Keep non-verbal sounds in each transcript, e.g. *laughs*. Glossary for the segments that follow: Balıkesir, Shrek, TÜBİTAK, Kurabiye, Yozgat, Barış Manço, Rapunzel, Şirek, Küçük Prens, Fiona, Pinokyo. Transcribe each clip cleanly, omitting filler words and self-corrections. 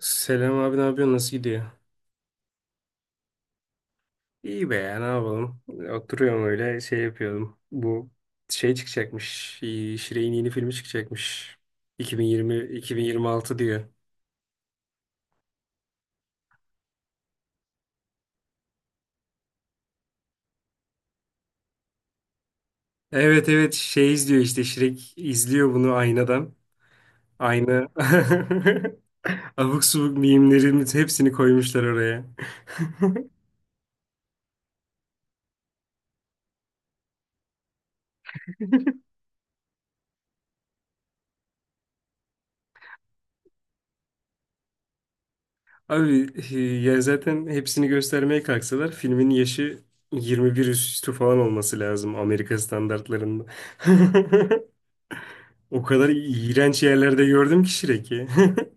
Selam abi, ne yapıyorsun? Nasıl gidiyor? İyi be ya, ne yapalım? Oturuyorum, öyle şey yapıyordum. Bu şey çıkacakmış. Şirek'in yeni filmi çıkacakmış. 2020 2026 diyor. Evet, evet şey izliyor işte, Şirek izliyor bunu aynadan. Ayna *laughs* abuk subuk mimlerin hepsini koymuşlar oraya. Abi, ya zaten hepsini göstermeye kalksalar filmin yaşı 21 üstü falan olması lazım, Amerika standartlarında. *laughs* O kadar iğrenç yerlerde gördüm ki Shrek'i. *laughs*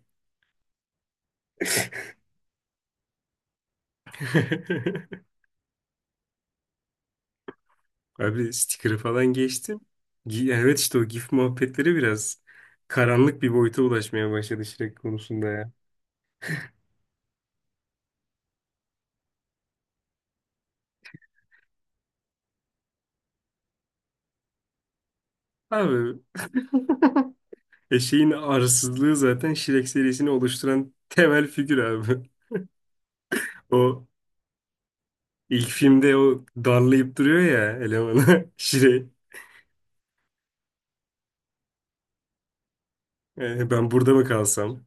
Abi, sticker'ı falan geçtim. Evet, işte o GIF muhabbetleri biraz karanlık bir boyuta ulaşmaya başladı Shrek konusunda ya. Abi, *laughs* eşeğin arsızlığı zaten Shrek serisini oluşturan temel figür abi. *laughs* O ilk filmde o darlayıp duruyor ya elemanı *laughs* Shrek. Ben burada mı kalsam?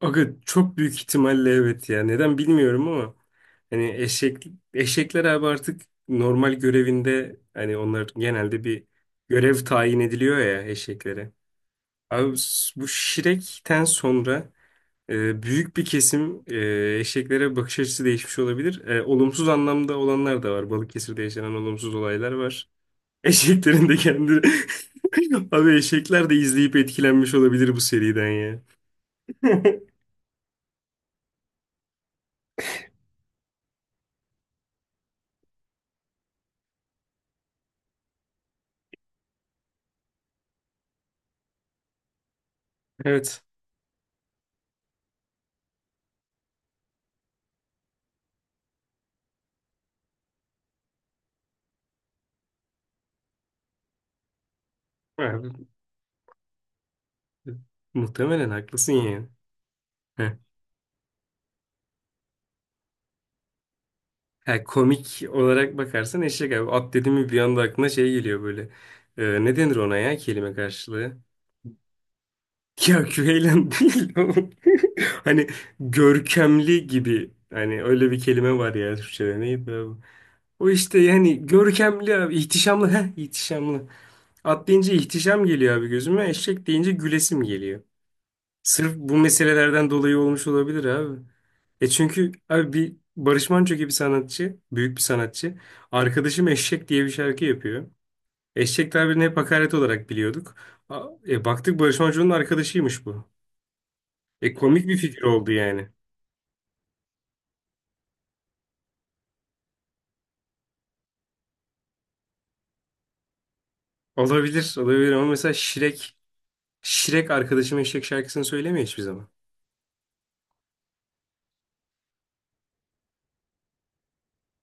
Aga, çok büyük ihtimalle evet ya. Neden bilmiyorum ama hani eşekler abi artık normal görevinde, hani onlar genelde bir görev tayin ediliyor ya eşeklere. Abi, bu Şirek'ten sonra büyük bir kesim eşeklere bakış açısı değişmiş olabilir. Olumsuz anlamda olanlar da var. Balıkesir'de yaşanan olumsuz olaylar var. *laughs* Eşeklerin de kendi *laughs* abi eşekler de izleyip etkilenmiş olabilir bu seriden ya. *laughs* Evet. Ha, muhtemelen haklısın ya. Heh. Ha, komik olarak bakarsan eşek abi. At dedi mi bir anda aklına şey geliyor böyle. Ne denir ona ya, kelime karşılığı? Ya, küveylan *laughs* değil o. Hani görkemli gibi. Hani öyle bir kelime var ya Türkçe'de. Neydi abi? O işte, yani görkemli abi. İhtişamlı. Heh, ihtişamlı. At deyince ihtişam geliyor abi gözüme. Eşek deyince gülesim geliyor. Sırf bu meselelerden dolayı olmuş olabilir abi. E çünkü abi, bir Barış Manço gibi sanatçı, büyük bir sanatçı. Arkadaşım Eşek diye bir şarkı yapıyor. Eşek tabirini hep hakaret olarak biliyorduk. Baktık Barış Manço'nun arkadaşıymış bu. E, komik bir fikir oldu yani. Olabilir, olabilir ama mesela Şirek arkadaşım Eşek şarkısını söylemiyor hiçbir zaman.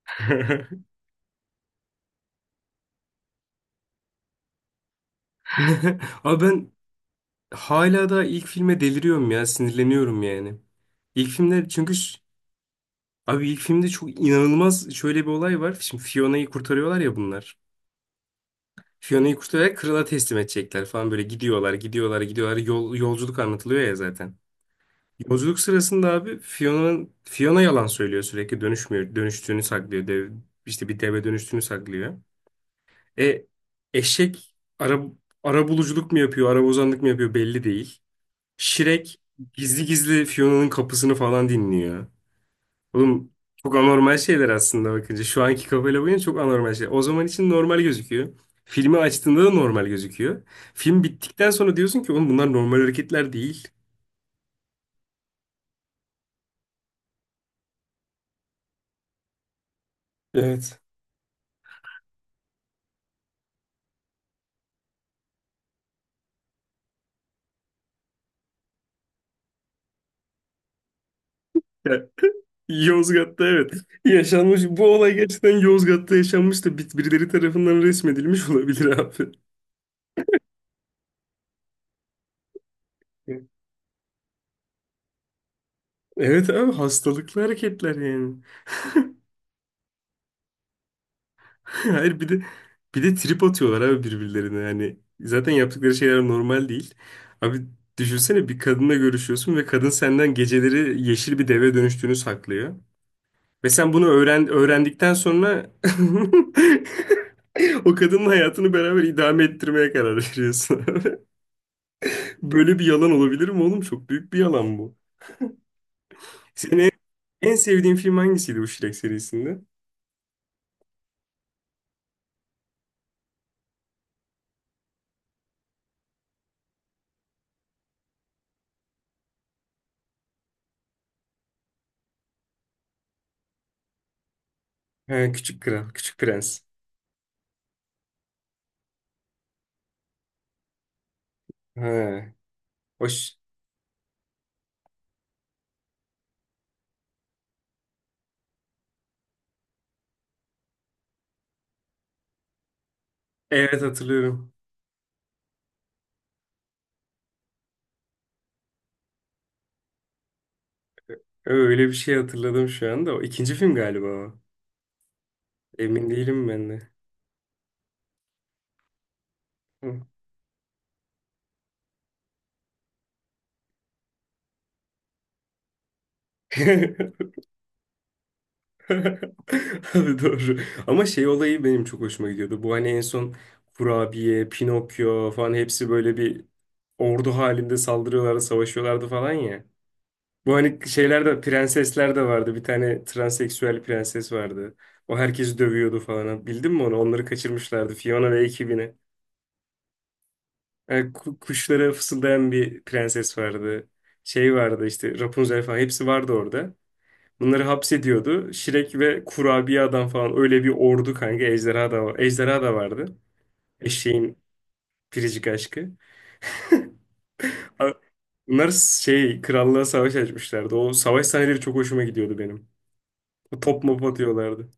*laughs* Abi ben hala da ilk filme deliriyorum ya, sinirleniyorum yani. İlk filmler çünkü. Abi ilk filmde çok inanılmaz şöyle bir olay var. Şimdi Fiona'yı kurtarıyorlar ya bunlar. Fiona'yı kurtararak krala teslim edecekler falan, böyle gidiyorlar, gidiyorlar, gidiyorlar. Yolculuk anlatılıyor ya zaten. Yolculuk sırasında abi Fiona yalan söylüyor sürekli, dönüşmüyor, dönüştüğünü saklıyor. Dev, işte bir deve dönüştüğünü saklıyor. E eşek ara buluculuk mu yapıyor, ara bozanlık mı yapıyor belli değil. Şirek gizli gizli Fiona'nın kapısını falan dinliyor. Oğlum çok anormal şeyler aslında bakınca. Şu anki kafayla bakınca çok anormal şeyler. O zaman için normal gözüküyor. Filmi açtığında da normal gözüküyor. Film bittikten sonra diyorsun ki oğlum, bunlar normal hareketler değil. Evet. Ya, *laughs* Yozgat'ta evet. Yaşanmış. Bu olay gerçekten Yozgat'ta yaşanmış da birileri tarafından resmedilmiş *laughs* olabilir abi. Evet, evet abi hastalıklı hareketler yani. *laughs* Hayır, bir de trip atıyorlar abi birbirlerine yani, zaten yaptıkları şeyler normal değil. Abi düşünsene, bir kadınla görüşüyorsun ve kadın senden geceleri yeşil bir deve dönüştüğünü saklıyor. Ve sen bunu öğrendikten sonra *laughs* o kadının hayatını beraber idame ettirmeye karar veriyorsun. *laughs* Böyle bir yalan olabilir mi oğlum? Çok büyük bir yalan bu. Senin en sevdiğin film hangisiydi bu Shrek serisinde? Ha, Küçük Kral, Küçük Prens. Ha, hoş. Evet, hatırlıyorum. Öyle bir şey hatırladım şu anda. O ikinci film galiba o. Emin değilim ben de. Hı. *laughs* Abi doğru. Ama şey olayı benim çok hoşuma gidiyordu. Bu hani en son Kurabiye, Pinokyo falan hepsi böyle bir ordu halinde saldırıyorlardı, savaşıyorlardı falan ya. Bu hani şeyler de, prensesler de vardı. Bir tane transseksüel prenses vardı. O herkesi dövüyordu falan. Bildin mi onu? Onları kaçırmışlardı, Fiona ve ekibini. Kuşlara fısıldayan bir prenses vardı. Şey vardı işte, Rapunzel falan hepsi vardı orada. Bunları hapsediyordu. Şirek ve kurabiye adam falan, öyle bir ordu kanka. Ejderha da, ejderha da vardı. Evet. Eşeğin biricik aşkı. A- Bunlar şey krallığa savaş açmışlardı. O savaş sahneleri çok hoşuma gidiyordu benim. O top mop atıyorlardı.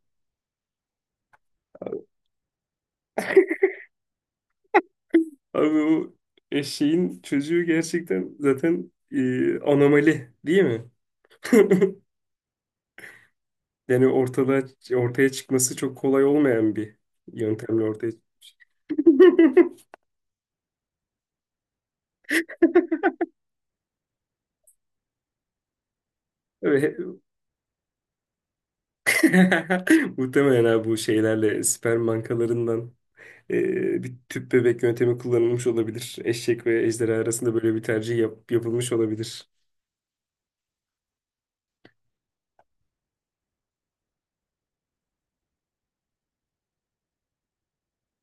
Abi o eşeğin çocuğu gerçekten zaten anomali değil mi? *laughs* Yani ortaya çıkması çok kolay olmayan bir yöntemle ortaya *laughs* ve *laughs* muhtemelen abi bu şeylerle sperm bankalarından bir tüp bebek yöntemi kullanılmış olabilir. Eşek ve ejderha arasında böyle bir tercih yapılmış olabilir.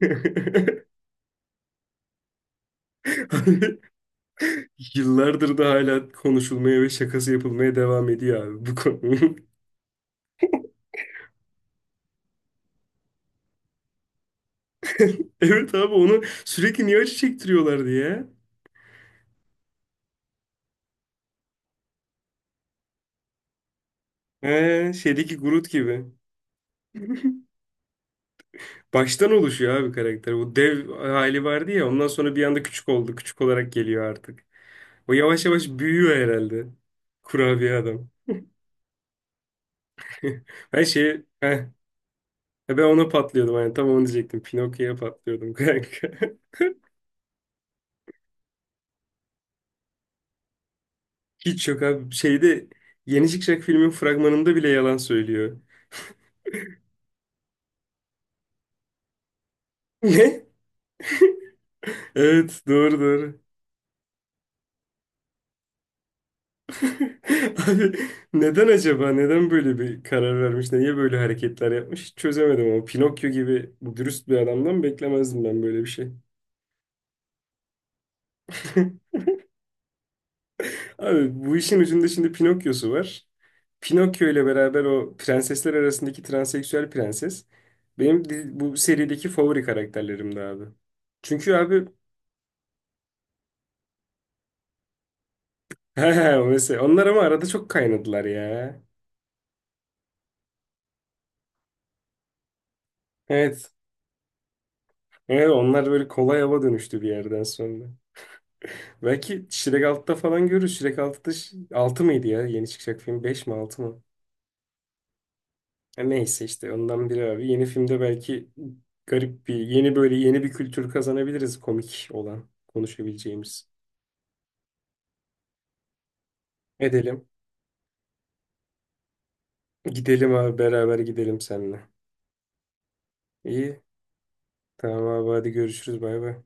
*laughs* Abi, yıllardır da hala konuşulmaya ve şakası yapılmaya devam ediyor abi bu konu. *laughs* Evet abi, onu sürekli niye acı çektiriyorlardı ya? He, şeydeki Groot gibi. *laughs* Baştan oluşuyor abi karakter. O dev hali vardı ya, ondan sonra bir anda küçük oldu. Küçük olarak geliyor artık. O yavaş yavaş büyüyor herhalde. Kurabiye adam. *laughs* Ben şey heh, e, ben ona patlıyordum yani, tam onu diyecektim. Pinokyo'ya patlıyordum kanka. *laughs* Hiç yok abi. Şeyde. Yeni çıkacak filmin fragmanında bile yalan söylüyor. *laughs* Ne? Evet, doğru doğru. Abi neden acaba? Neden böyle bir karar vermiş? Niye böyle hareketler yapmış? Hiç çözemedim ama Pinokyo gibi dürüst bir adamdan beklemezdim ben böyle bir şey. *laughs* Abi, bu işin ucunda şimdi Pinokyo'su var. Pinokyo ile beraber o prensesler arasındaki transseksüel prenses benim bu serideki favori karakterlerimdi abi. Çünkü abi *laughs* he, mesela onlar ama arada çok kaynadılar ya. Evet. Evet onlar böyle kolay hava dönüştü bir yerden sonra. Belki Shrek 6'da falan görürüz. Shrek 6'da 6 mıydı ya? Yeni çıkacak film 5 mi 6 mı? Ha, neyse işte ondan biri abi. Yeni filmde belki garip bir yeni böyle yeni bir kültür kazanabiliriz, komik olan konuşabileceğimiz. Edelim. Gidelim abi, beraber gidelim seninle. İyi. Tamam abi, hadi görüşürüz, bay bay.